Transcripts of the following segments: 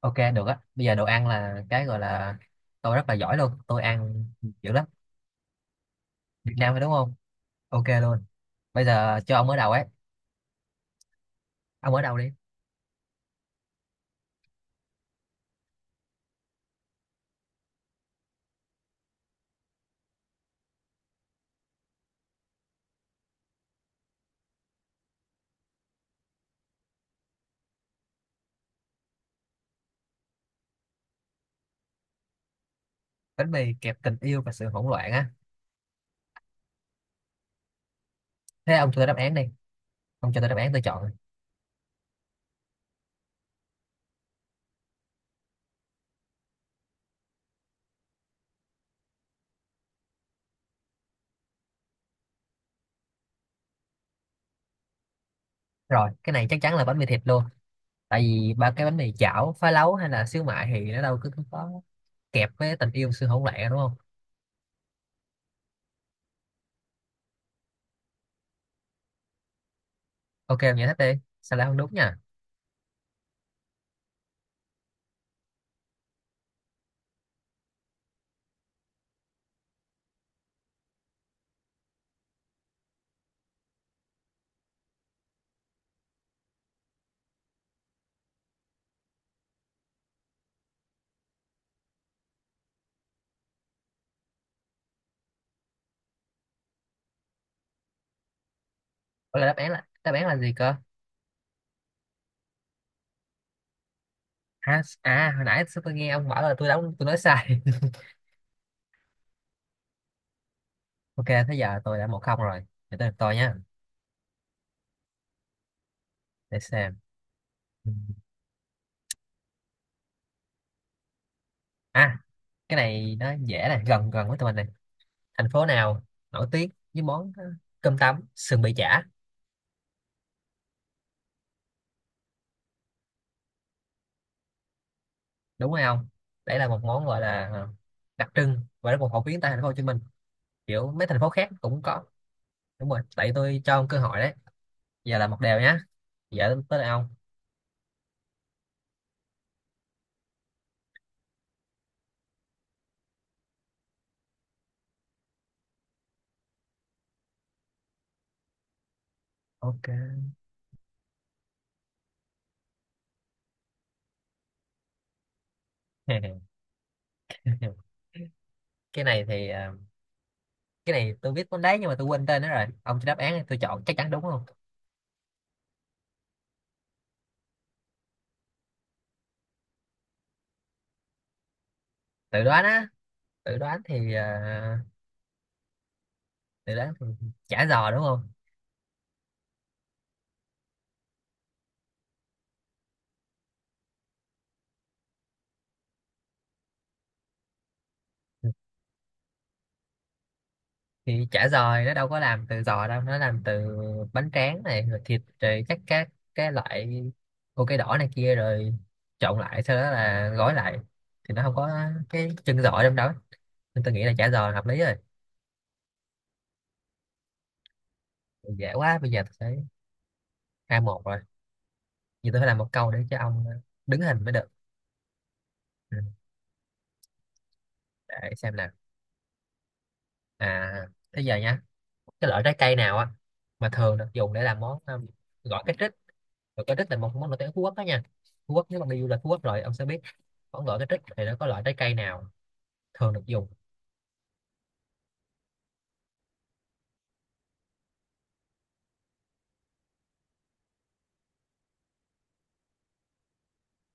OK, được á. Bây giờ đồ ăn là cái gọi là tôi rất là giỏi luôn, tôi ăn dữ lắm. Việt Nam thôi, đúng không? OK luôn. Bây giờ cho ông ở đầu ấy, ông ở đầu đi. Bánh mì kẹp tình yêu và sự hỗn loạn á? Thế ông cho tôi đáp án đi, ông cho tôi đáp án tôi chọn. Rồi, cái này chắc chắn là bánh mì thịt luôn. Tại vì ba cái bánh mì chảo phá lấu hay là xíu mại thì nó đâu cứ có kẹp với tình yêu sự hỗn loạn, đúng không? OK, ông giải thích đi, sao lại không đúng nha. Ủa, là đáp án là đáp án là gì cơ? À, hồi nãy tôi nghe ông bảo là tôi đóng tôi nói sai. OK, thế giờ tôi đã 1-0 rồi. Để tới lượt tôi nhá. Để xem. Ừ. À, cái này nó dễ này, gần gần với tụi mình này. Thành phố nào nổi tiếng với món cơm tấm, sườn bì chả, đúng hay không? Đấy là một món gọi là đặc trưng và rất một phổ biến tại thành phố Hồ Chí Minh. Kiểu mấy thành phố khác cũng có. Đúng rồi, tại tôi cho ông cơ hội đấy. Giờ là 1 đều nhá. Giờ tới là ông. OK. Cái này thì cái này tôi biết món đấy, nhưng mà tôi quên tên nó rồi. Ông cho đáp án thì tôi chọn chắc chắn đúng không? Tự đoán á, tự đoán thì từ đó chả giò đúng không? Ừ, thì chả giò thì nó đâu có làm từ giò đâu, nó làm từ bánh tráng này rồi thịt rồi các cái loại ô cây đỏ này kia rồi trộn lại sau đó là gói lại, thì nó không có cái chân giò trong đó, nên tôi nghĩ là chả giò là hợp lý rồi. Dễ quá, bây giờ tôi phải 2-1 rồi. Giờ tôi phải làm một câu để cho ông đứng hình mới được. ừ, để xem nào. À, thế giờ nha, cái loại trái cây nào á mà thường được dùng để làm món gỏi cá trích, và cái trích là một món nổi tiếng ở Phú Quốc đó nha. Phú Quốc, nếu bạn đi du lịch Phú Quốc rồi ông sẽ biết món gỏi cái trích thì nó có loại trái cây nào thường được dùng?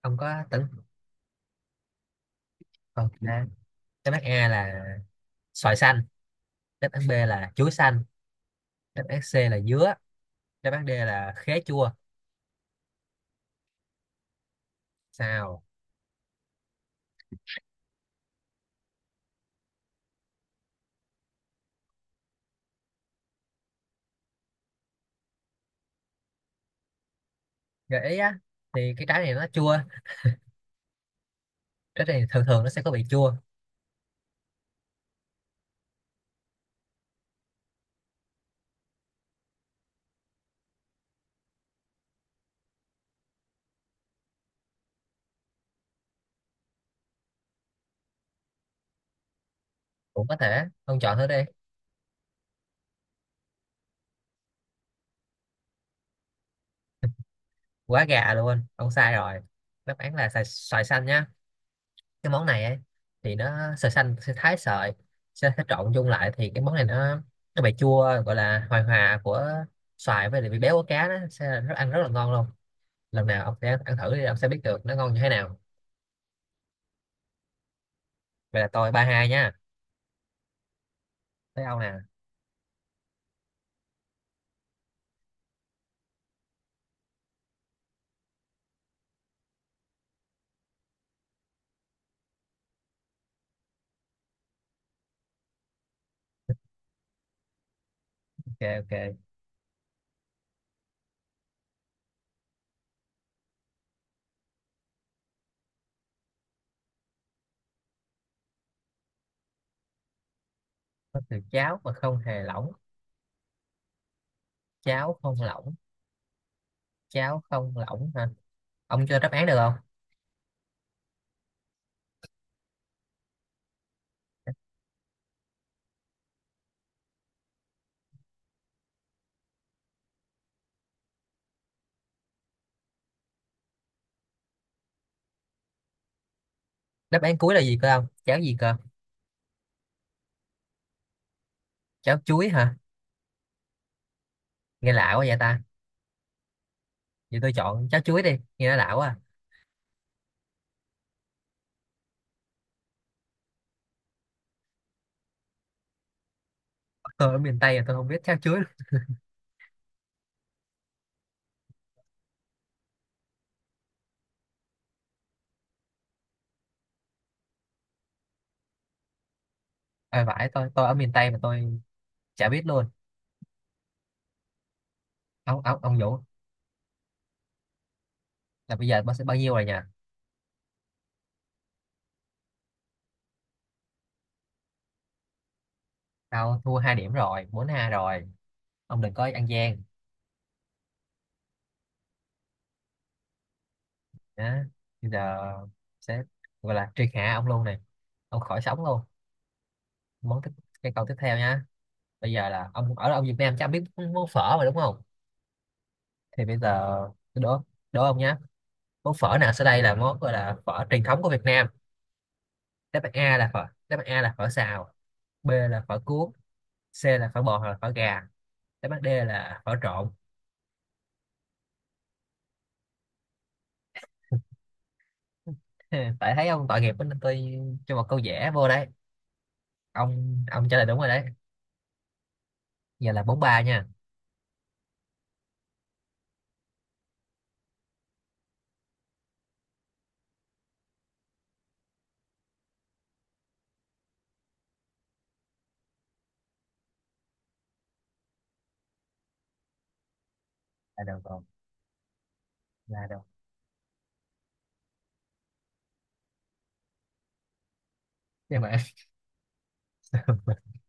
Ông có tính còn đáp đáp án A là xoài xanh, đáp án B là chuối xanh, đáp án C là dứa, đáp án D là khế chua. Sao? Gợi ý á? Thì cái trái này nó chua, trái này thường thường nó sẽ có vị chua. Cũng có thể, ông chọn thử đi. Quá gà luôn, ông sai rồi. Đáp án là xoài, xoài xanh nhá. Cái món này ấy, thì nó sợi xanh sẽ thái sợi, sẽ trộn chung lại, thì cái món này nó bị chua, gọi là hòa hòa của xoài với lại vị béo của cá, nó sẽ rất ăn rất là ngon luôn. Lần nào ông sẽ ăn thử đi, ông sẽ biết được nó ngon như thế nào. Vậy là tôi 3-2 nha. Tới ông nè. OK, OK. Có từ cháo mà không hề lỏng? Cháo không lỏng? Cháo không lỏng hả? Ông cho đáp án được không? Đáp án cuối là gì cơ ông? Cháo gì cơ? Cháo chuối hả? Nghe lạ quá vậy ta. Vậy tôi chọn cháo chuối đi, nghe nó lạ quá à. Tôi ở miền Tây là tôi không biết cháo chuối. À, vãi, tôi ở miền Tây mà tôi chả biết luôn. Ông Vũ là bây giờ bác sẽ bao nhiêu rồi nhỉ? Tao thua 2 điểm rồi, 4-2 rồi, ông đừng có ăn gian. Đó, bây giờ sẽ gọi là triệt hạ ông luôn này, ông khỏi sống luôn. Món tiếp, cái câu tiếp theo nha. Bây giờ là ông ở ông Việt Nam chắc biết món phở mà đúng không? Thì bây giờ tôi đố đố ông nhé, món phở nào sau đây là món gọi là phở truyền thống của Việt Nam? Đáp án A là phở xào, B là phở cuốn, C là phở bò hoặc là phở gà, đáp án D là phở trộn. Tại thấy ông tội nghiệp quá nên tôi cho một câu dễ vô đấy. Ông trả lời đúng rồi đấy. Giờ là 4-3 nha. Là đầu còn? Là đầu, nhưng mà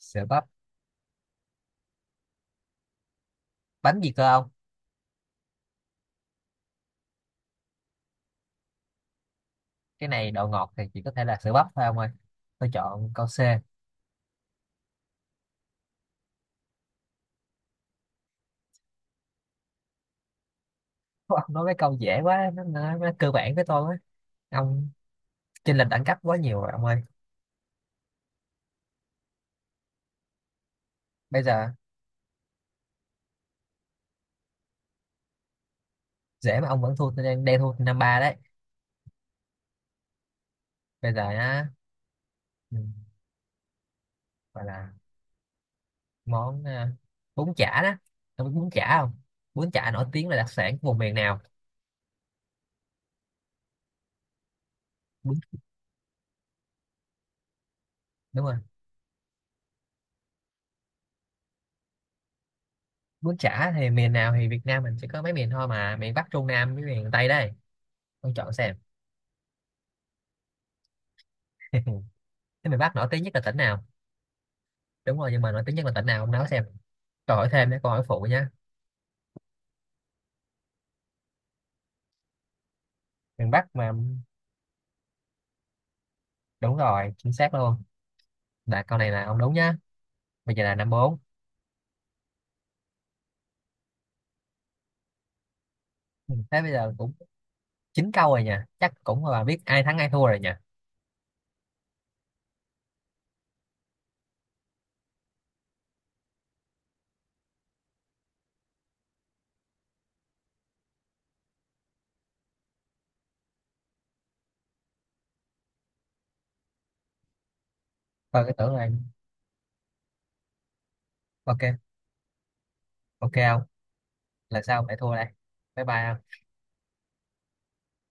sữa bắp, bánh gì cơ ông? Cái này độ ngọt thì chỉ có thể là sữa bắp thôi ông ơi, tôi chọn câu C. Ông nói mấy câu dễ quá, nó cơ bản với tôi á. Ông chênh lệch đẳng cấp quá nhiều rồi ông ơi. Bây giờ dễ mà ông vẫn thua tôi, đang đang thua 5-3 đấy. Bây giờ á, ừ, gọi là món à, bún chả đó. Ông biết bún chả không? Bún chả nổi tiếng là đặc sản của vùng miền nào? Bún, đúng rồi. Bún chả thì miền nào? Thì Việt Nam mình chỉ có mấy miền thôi mà, miền Bắc Trung Nam với miền Tây đây, ông chọn xem. Thế miền Bắc nổi tiếng nhất là tỉnh nào? Đúng rồi, nhưng mà nổi tiếng nhất là tỉnh nào ông nói xem. Câu hỏi thêm để câu hỏi phụ nhá. Miền Bắc mà, đúng rồi, chính xác luôn. Là câu này là ông đúng nhá. Bây giờ là 5-4. Ừ, thế bây giờ cũng 9 câu rồi nha, chắc cũng là biết ai thắng ai thua rồi nha. Coi cái tưởng là. OK, OK không? Là sao lại thua đây? Bye bye.